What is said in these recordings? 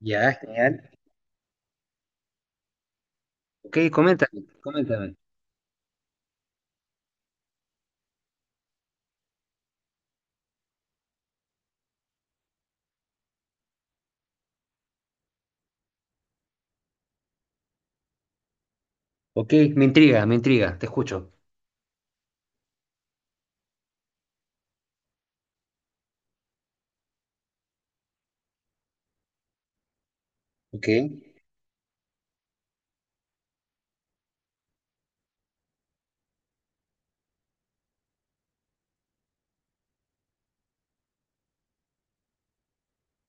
Ya, genial. Ok, coméntame, coméntame. Ok, me intriga, te escucho. Ok.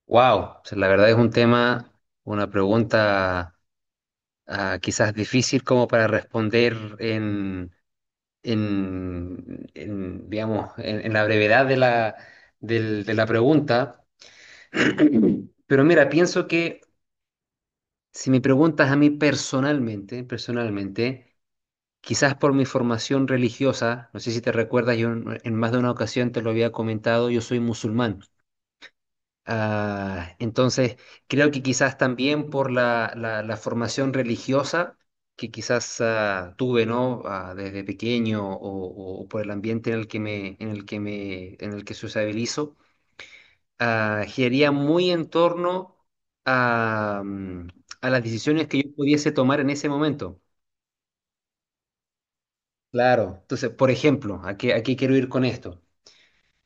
Wow, la verdad es un tema, una pregunta quizás difícil como para responder digamos, en la brevedad de la, de la pregunta. Pero mira, pienso que si me preguntas a mí personalmente, personalmente, quizás por mi formación religiosa, no sé si te recuerdas, yo en más de una ocasión te lo había comentado, yo soy musulmán. Entonces, creo que quizás también por la, la formación religiosa que quizás tuve, ¿no? Desde pequeño o por el ambiente en el que me, en el que me, en el que sociabilizo, giraría muy en torno a, a las decisiones que yo pudiese tomar en ese momento. Claro. Entonces, por ejemplo, a qué quiero ir con esto?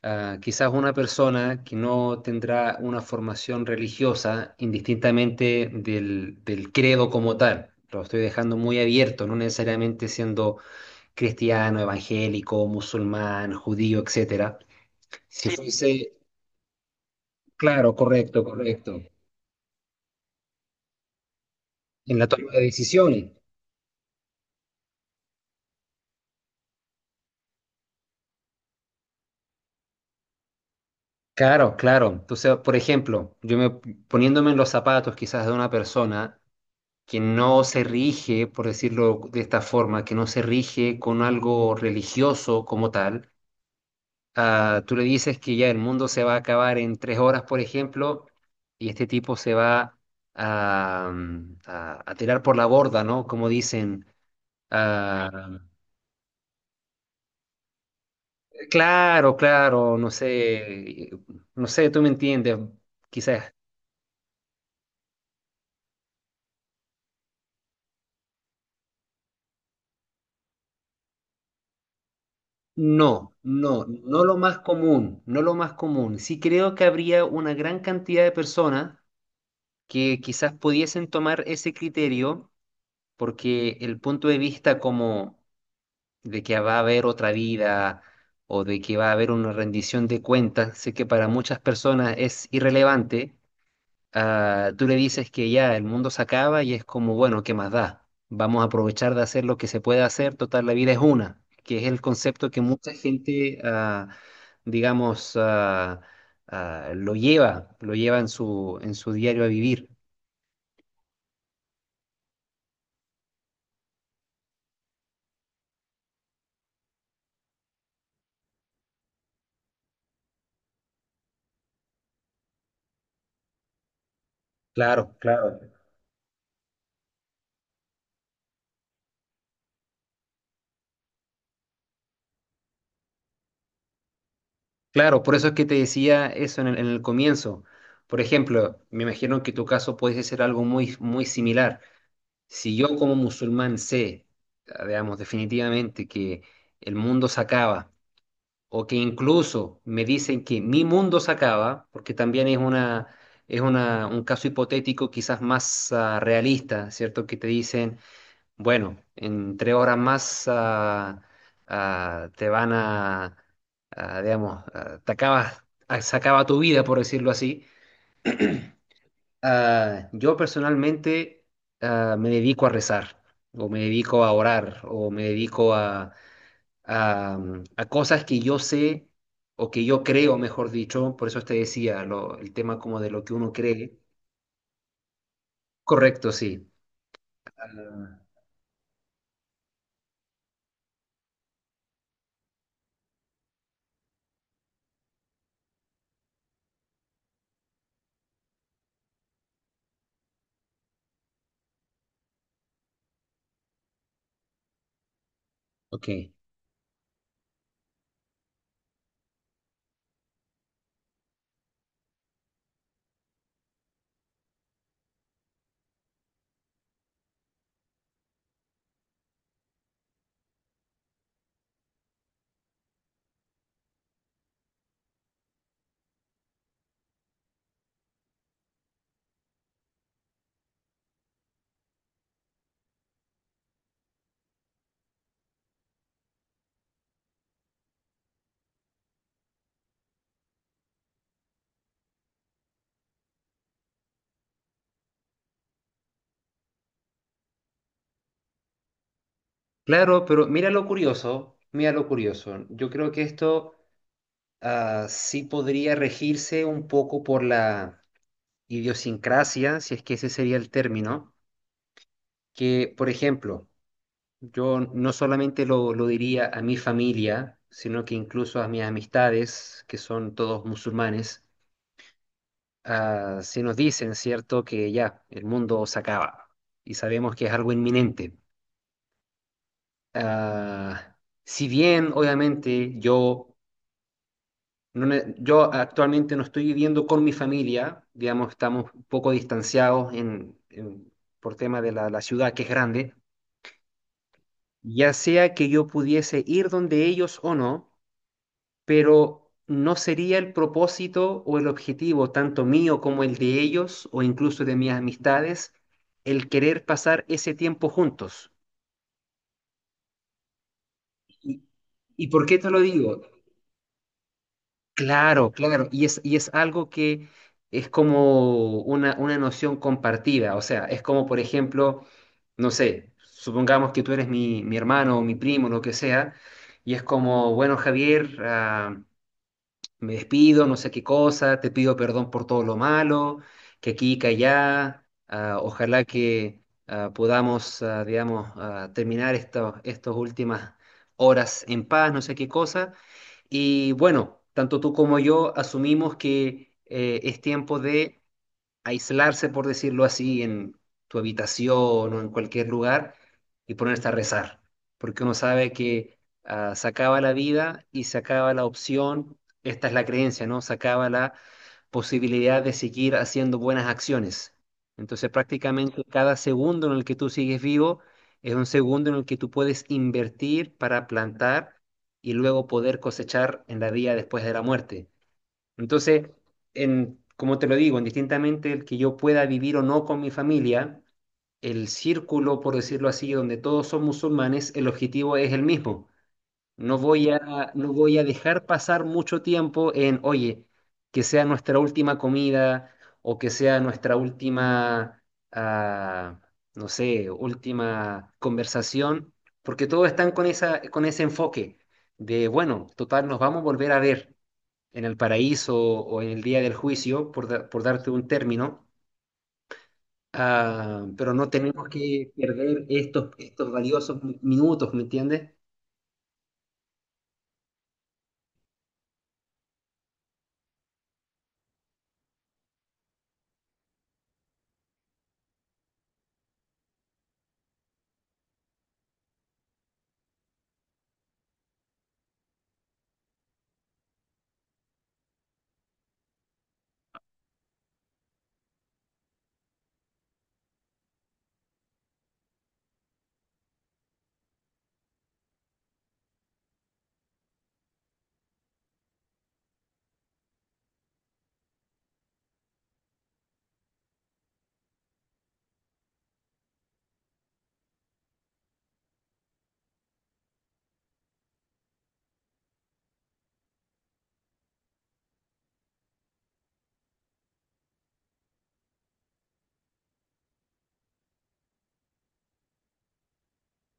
Quizás una persona que no tendrá una formación religiosa, indistintamente del, del credo como tal, lo estoy dejando muy abierto, no necesariamente siendo cristiano, evangélico, musulmán, judío, etcétera. Si Sí, fuese, claro, correcto, correcto, en la toma de decisiones. Claro, claro. Entonces, por ejemplo, yo me poniéndome en los zapatos quizás de una persona que no se rige, por decirlo de esta forma, que no se rige con algo religioso como tal, tú le dices que ya el mundo se va a acabar en 3 horas, por ejemplo, y este tipo se va a, a tirar por la borda, ¿no? Como dicen. ah, claro, claro, no sé, no sé, tú me entiendes, quizás. No, no, no lo más común, no lo más común. Sí creo que habría una gran cantidad de personas que quizás pudiesen tomar ese criterio porque el punto de vista como de que va a haber otra vida o de que va a haber una rendición de cuentas, sé que para muchas personas es irrelevante. Tú le dices que ya el mundo se acaba y es como, bueno, ¿qué más da? Vamos a aprovechar de hacer lo que se puede hacer, total, la vida es una, que es el concepto que mucha gente, digamos, lo lleva en su diario a vivir. Claro, claro. Claro, por eso es que te decía eso en el comienzo. Por ejemplo, me imagino que tu caso puede ser algo muy, muy similar. Si yo como musulmán sé, digamos, definitivamente que el mundo se acaba, o que incluso me dicen que mi mundo se acaba, porque también es una, un caso hipotético quizás más realista, ¿cierto? Que te dicen, bueno, en 3 horas más te van a, digamos, te acabas, se acaba tu vida, por decirlo así. Yo personalmente me dedico a rezar, o me dedico a orar, o me dedico a, a cosas que yo sé, o que yo creo, mejor dicho, por eso te decía, el tema como de lo que uno cree. Correcto, sí. Ah, ok. Claro, pero mira lo curioso, mira lo curioso. Yo creo que esto sí podría regirse un poco por la idiosincrasia, si es que ese sería el término, que, por ejemplo, yo no solamente lo diría a mi familia, sino que incluso a mis amistades, que son todos musulmanes, si nos dicen, ¿cierto?, que ya, el mundo se acaba y sabemos que es algo inminente. Ah, si bien, obviamente, yo yo actualmente no estoy viviendo con mi familia, digamos, estamos un poco distanciados por tema de la, la ciudad que es grande, ya sea que yo pudiese ir donde ellos o no, pero no sería el propósito o el objetivo, tanto mío como el de ellos o incluso de mis amistades, el querer pasar ese tiempo juntos. ¿Y, y por qué te lo digo? Claro, claro, y es algo que es como una noción compartida, o sea, es como, por ejemplo, no sé, supongamos que tú eres mi, mi hermano o mi primo, lo que sea, y es como, bueno, Javier, me despido, no sé qué cosa, te pido perdón por todo lo malo, que aquí, que allá, ojalá que podamos, digamos, terminar estas últimas horas en paz, no sé qué cosa. Y bueno, tanto tú como yo asumimos que es tiempo de aislarse, por decirlo así, en tu habitación o en cualquier lugar y ponerse a rezar, porque uno sabe que se acaba la vida y se acaba la opción, esta es la creencia, ¿no? Se acaba la posibilidad de seguir haciendo buenas acciones. Entonces prácticamente cada segundo en el que tú sigues vivo es un segundo en el que tú puedes invertir para plantar y luego poder cosechar en la vida después de la muerte. Entonces, en, como te lo digo, indistintamente el que yo pueda vivir o no con mi familia, el círculo, por decirlo así, donde todos son musulmanes, el objetivo es el mismo. No voy a dejar pasar mucho tiempo en, oye, que sea nuestra última comida o que sea nuestra última, ah, no sé, última conversación, porque todos están con esa, con ese enfoque de, bueno, total, nos vamos a volver a ver en el paraíso o en el día del juicio, por, por darte un término, pero no tenemos que perder estos, estos valiosos minutos, ¿me entiendes?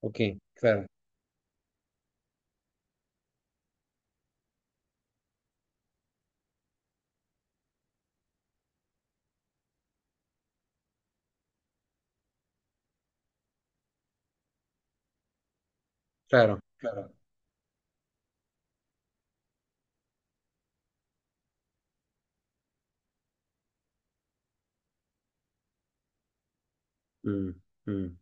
Ok, claro, claro, claro. Mm, mm.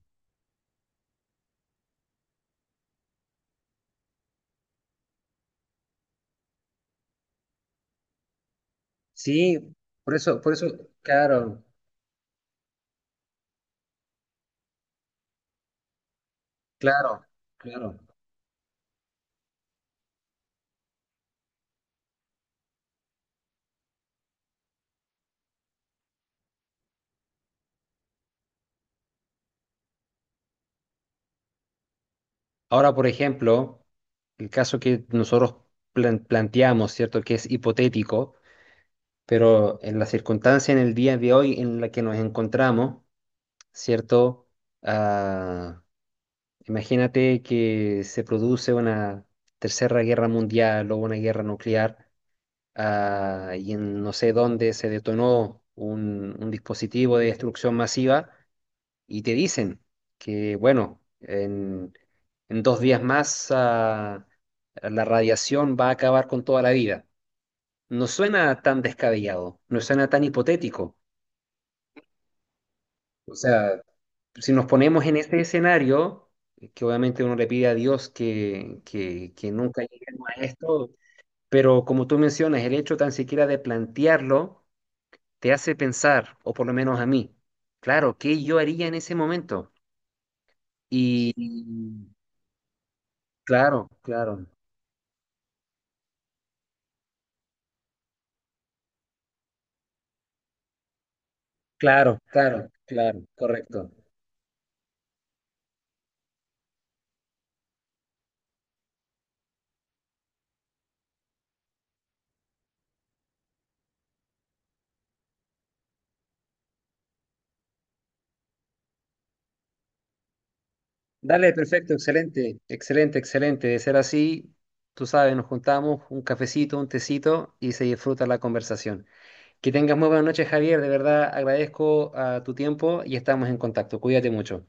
Sí, por eso, claro, claro, claro. Ahora, por ejemplo, el caso que nosotros planteamos, ¿cierto? Que es hipotético, pero en la circunstancia, en el día de hoy en la que nos encontramos, ¿cierto? Ah, Imagínate que se produce una tercera guerra mundial o una guerra nuclear, y en no sé dónde se detonó un dispositivo de destrucción masiva y te dicen que, bueno, en 2 días más, la radiación va a acabar con toda la vida. No suena tan descabellado, no suena tan hipotético. O sea, si nos ponemos en ese escenario, que obviamente uno le pide a Dios que nunca lleguemos a esto, pero como tú mencionas, el hecho tan siquiera de plantearlo te hace pensar, o por lo menos a mí, claro, ¿qué yo haría en ese momento? Y claro, claro, claro, claro, claro, correcto. Dale, perfecto, excelente, excelente, excelente. De ser así, tú sabes, nos juntamos un cafecito, un tecito y se disfruta la conversación. Que tengas muy buenas noches, Javier. De verdad agradezco a tu tiempo y estamos en contacto. Cuídate mucho.